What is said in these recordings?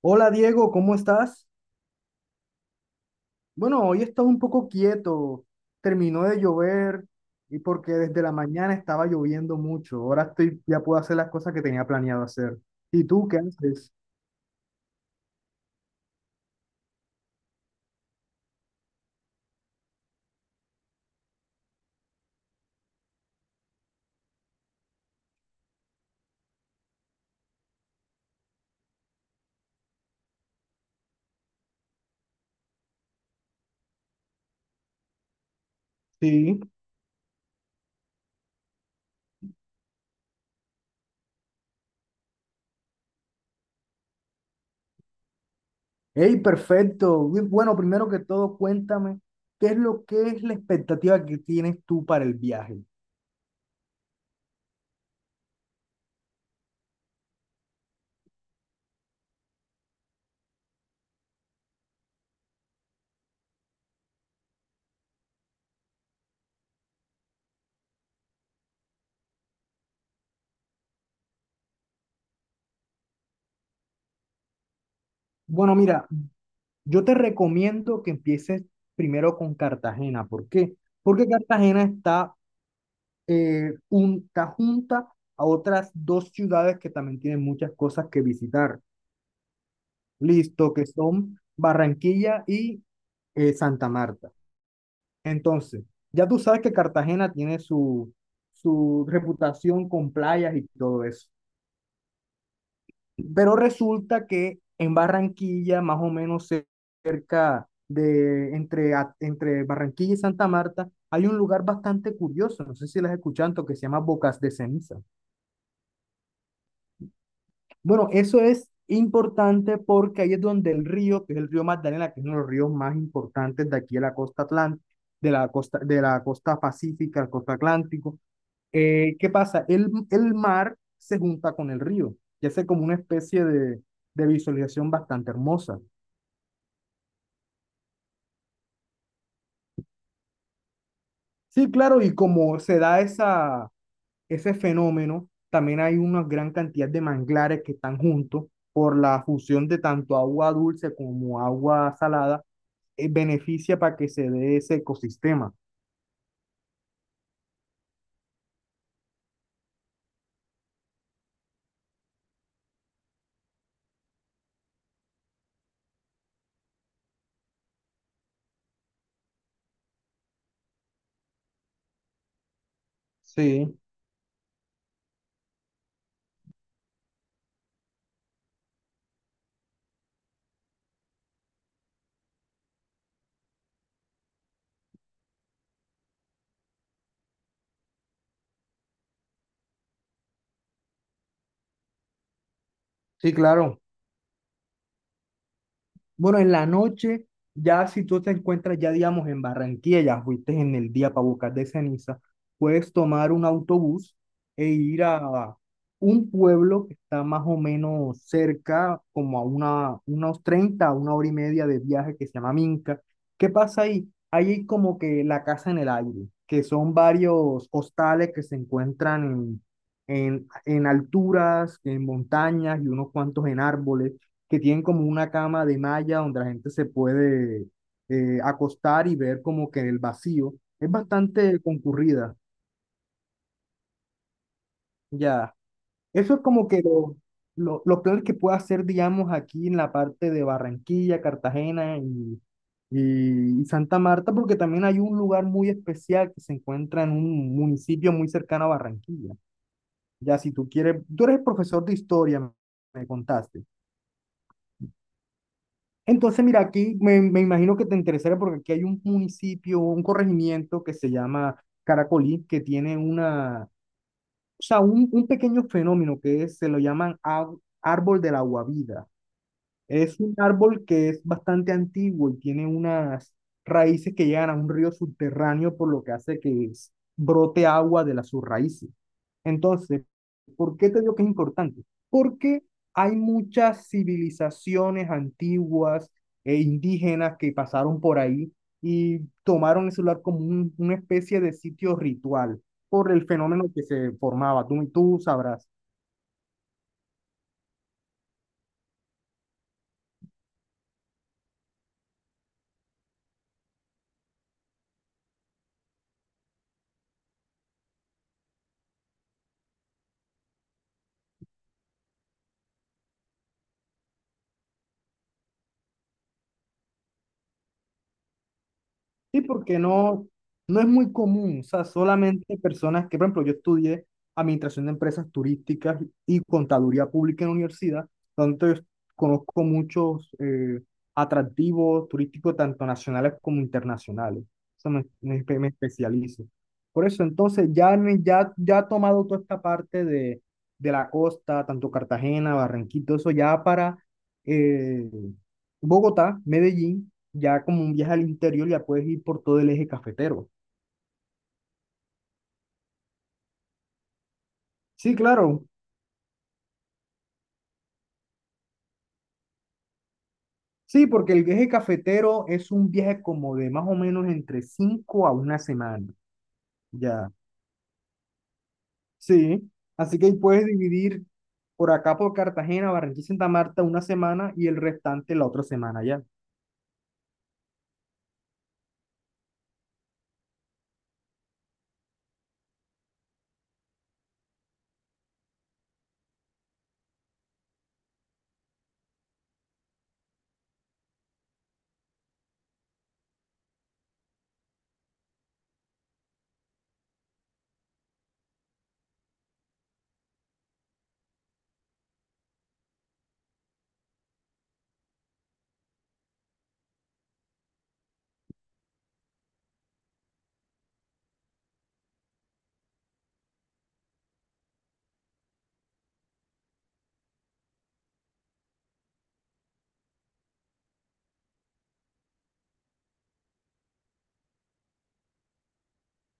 Hola Diego, ¿cómo estás? Bueno, hoy he estado un poco quieto. Terminó de llover y porque desde la mañana estaba lloviendo mucho. Ahora estoy, ya puedo hacer las cosas que tenía planeado hacer. ¿Y tú qué haces? Sí. Hey, perfecto. Uy, bueno, primero que todo, cuéntame, ¿qué es lo que es la expectativa que tienes tú para el viaje? Bueno, mira, yo te recomiendo que empieces primero con Cartagena. ¿Por qué? Porque Cartagena está junta a otras dos ciudades que también tienen muchas cosas que visitar. Listo, que son Barranquilla y Santa Marta. Entonces, ya tú sabes que Cartagena tiene su reputación con playas y todo eso. Pero resulta que en Barranquilla, más o menos cerca de entre Barranquilla y Santa Marta, hay un lugar bastante curioso, no sé si lo has escuchado, que se llama Bocas de Ceniza. Bueno, eso es importante porque ahí es donde el río, que es el río Magdalena, que es uno de los ríos más importantes de aquí de la costa atlántica, de la costa pacífica, la costa atlántico. ¿Qué pasa? El mar se junta con el río y hace como una especie de visualización bastante hermosa. Sí, claro, y como se da ese fenómeno, también hay una gran cantidad de manglares que están juntos por la fusión de tanto agua dulce como agua salada, beneficia para que se dé ese ecosistema. Sí, sí, claro. Bueno, en la noche, ya si tú te encuentras ya, digamos, en Barranquilla, ya fuiste en el día para buscar de Ceniza, puedes tomar un autobús e ir a un pueblo que está más o menos cerca, como a unos 30 una hora y media de viaje que se llama Minca. ¿Qué pasa ahí? Ahí hay como que la casa en el aire, que son varios hostales que se encuentran en alturas, en montañas y unos cuantos en árboles que tienen como una cama de malla donde la gente se puede acostar y ver como que el vacío. Es bastante concurrida, ya. Eso es como que los planes que puedo hacer, digamos, aquí en la parte de Barranquilla, Cartagena y Santa Marta, porque también hay un lugar muy especial que se encuentra en un municipio muy cercano a Barranquilla. Ya, si tú quieres, tú eres profesor de historia, me contaste. Entonces, mira, aquí me imagino que te interesaría porque aquí hay un municipio, un corregimiento que se llama Caracolí, que tiene una, o sea, un pequeño fenómeno se lo llaman árbol del aguavida. Es un árbol que es bastante antiguo y tiene unas raíces que llegan a un río subterráneo, por lo que hace que brote agua de las sus raíces. Entonces, ¿por qué te digo que es importante? Porque hay muchas civilizaciones antiguas e indígenas que pasaron por ahí y tomaron ese lugar como una especie de sitio ritual por el fenómeno que se formaba. Tú sabrás. Sí, porque no, no es muy común, o sea, solamente personas que, por ejemplo, yo estudié administración de empresas turísticas y contaduría pública en la universidad, donde yo conozco muchos atractivos turísticos, tanto nacionales como internacionales. O sea, me especializo. Por eso, entonces, ya he tomado toda esta parte de la costa, tanto Cartagena, Barranquito, eso ya para eh, Bogotá, Medellín ya como un viaje al interior ya puedes ir por todo el eje cafetero. Sí, claro. Sí, porque el eje cafetero es un viaje como de más o menos entre 5 a una semana. Ya. Sí. Así que ahí puedes dividir por acá por Cartagena, Barranquilla y Santa Marta una semana y el restante la otra semana ya.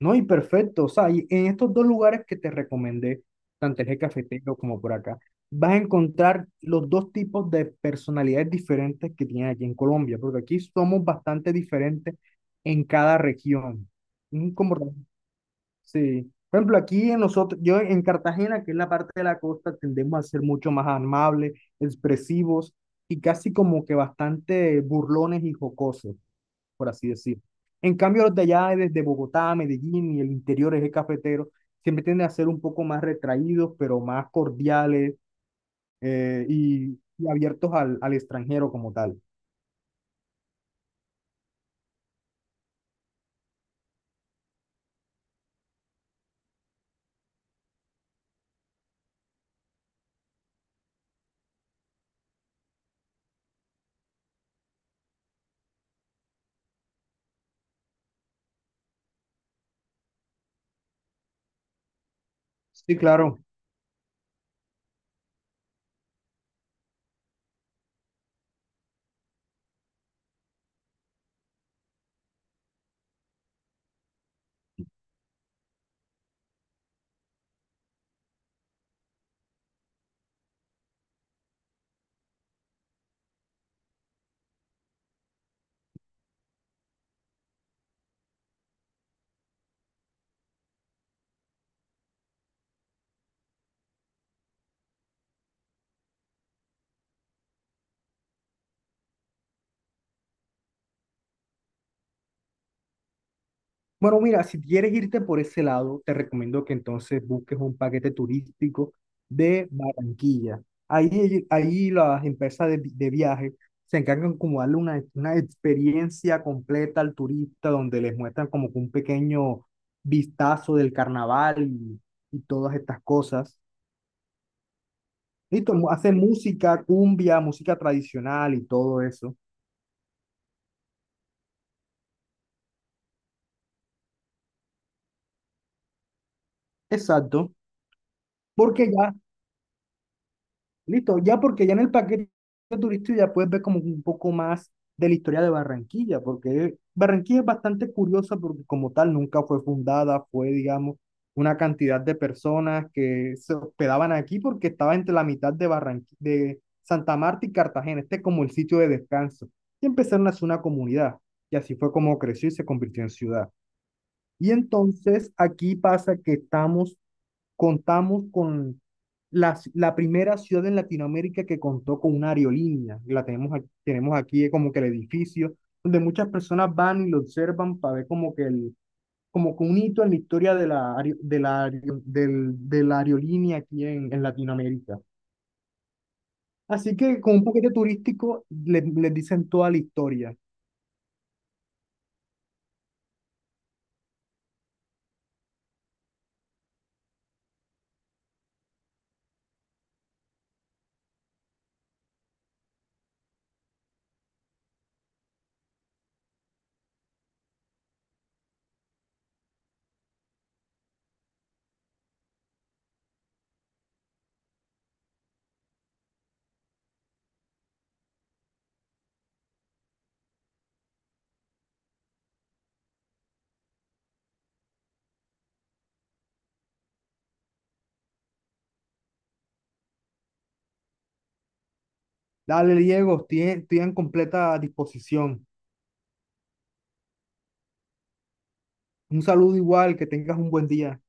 No, y perfecto. O sea, y en estos dos lugares que te recomendé, tanto el eje cafetero como por acá, vas a encontrar los dos tipos de personalidades diferentes que tienen aquí en Colombia, porque aquí somos bastante diferentes en cada región. Como, sí. Por ejemplo, aquí en nosotros, yo en Cartagena, que es la parte de la costa, tendemos a ser mucho más amables, expresivos y casi como que bastante burlones y jocosos por así decir. En cambio, los de allá, desde Bogotá, Medellín y el interior eje cafetero, siempre tienden a ser un poco más retraídos, pero más cordiales y abiertos al extranjero como tal. Sí, claro. Bueno, mira, si quieres irte por ese lado, te recomiendo que entonces busques un paquete turístico de Barranquilla. Ahí las empresas de viaje se encargan como darle una experiencia completa al turista, donde les muestran como que un pequeño vistazo del carnaval y todas estas cosas. Listo, hacen música, cumbia, música tradicional y todo eso. Exacto, porque ya. Listo, ya, porque ya en el paquete turístico ya puedes ver como un poco más de la historia de Barranquilla, porque Barranquilla es bastante curiosa porque como tal nunca fue fundada, fue, digamos, una cantidad de personas que se hospedaban aquí porque estaba entre la mitad de Barranquilla, de Santa Marta y Cartagena, este es como el sitio de descanso, y empezaron a hacer una comunidad, y así fue como creció y se convirtió en ciudad. Y entonces aquí pasa que estamos contamos con la primera ciudad en Latinoamérica que contó con una aerolínea. La tenemos aquí como que el edificio donde muchas personas van y lo observan para ver como que como que un hito en la historia de de la aerolínea aquí en Latinoamérica. Así que con un paquete turístico les dicen toda la historia. Dale, Diego, estoy en completa disposición. Un saludo igual, que tengas un buen día.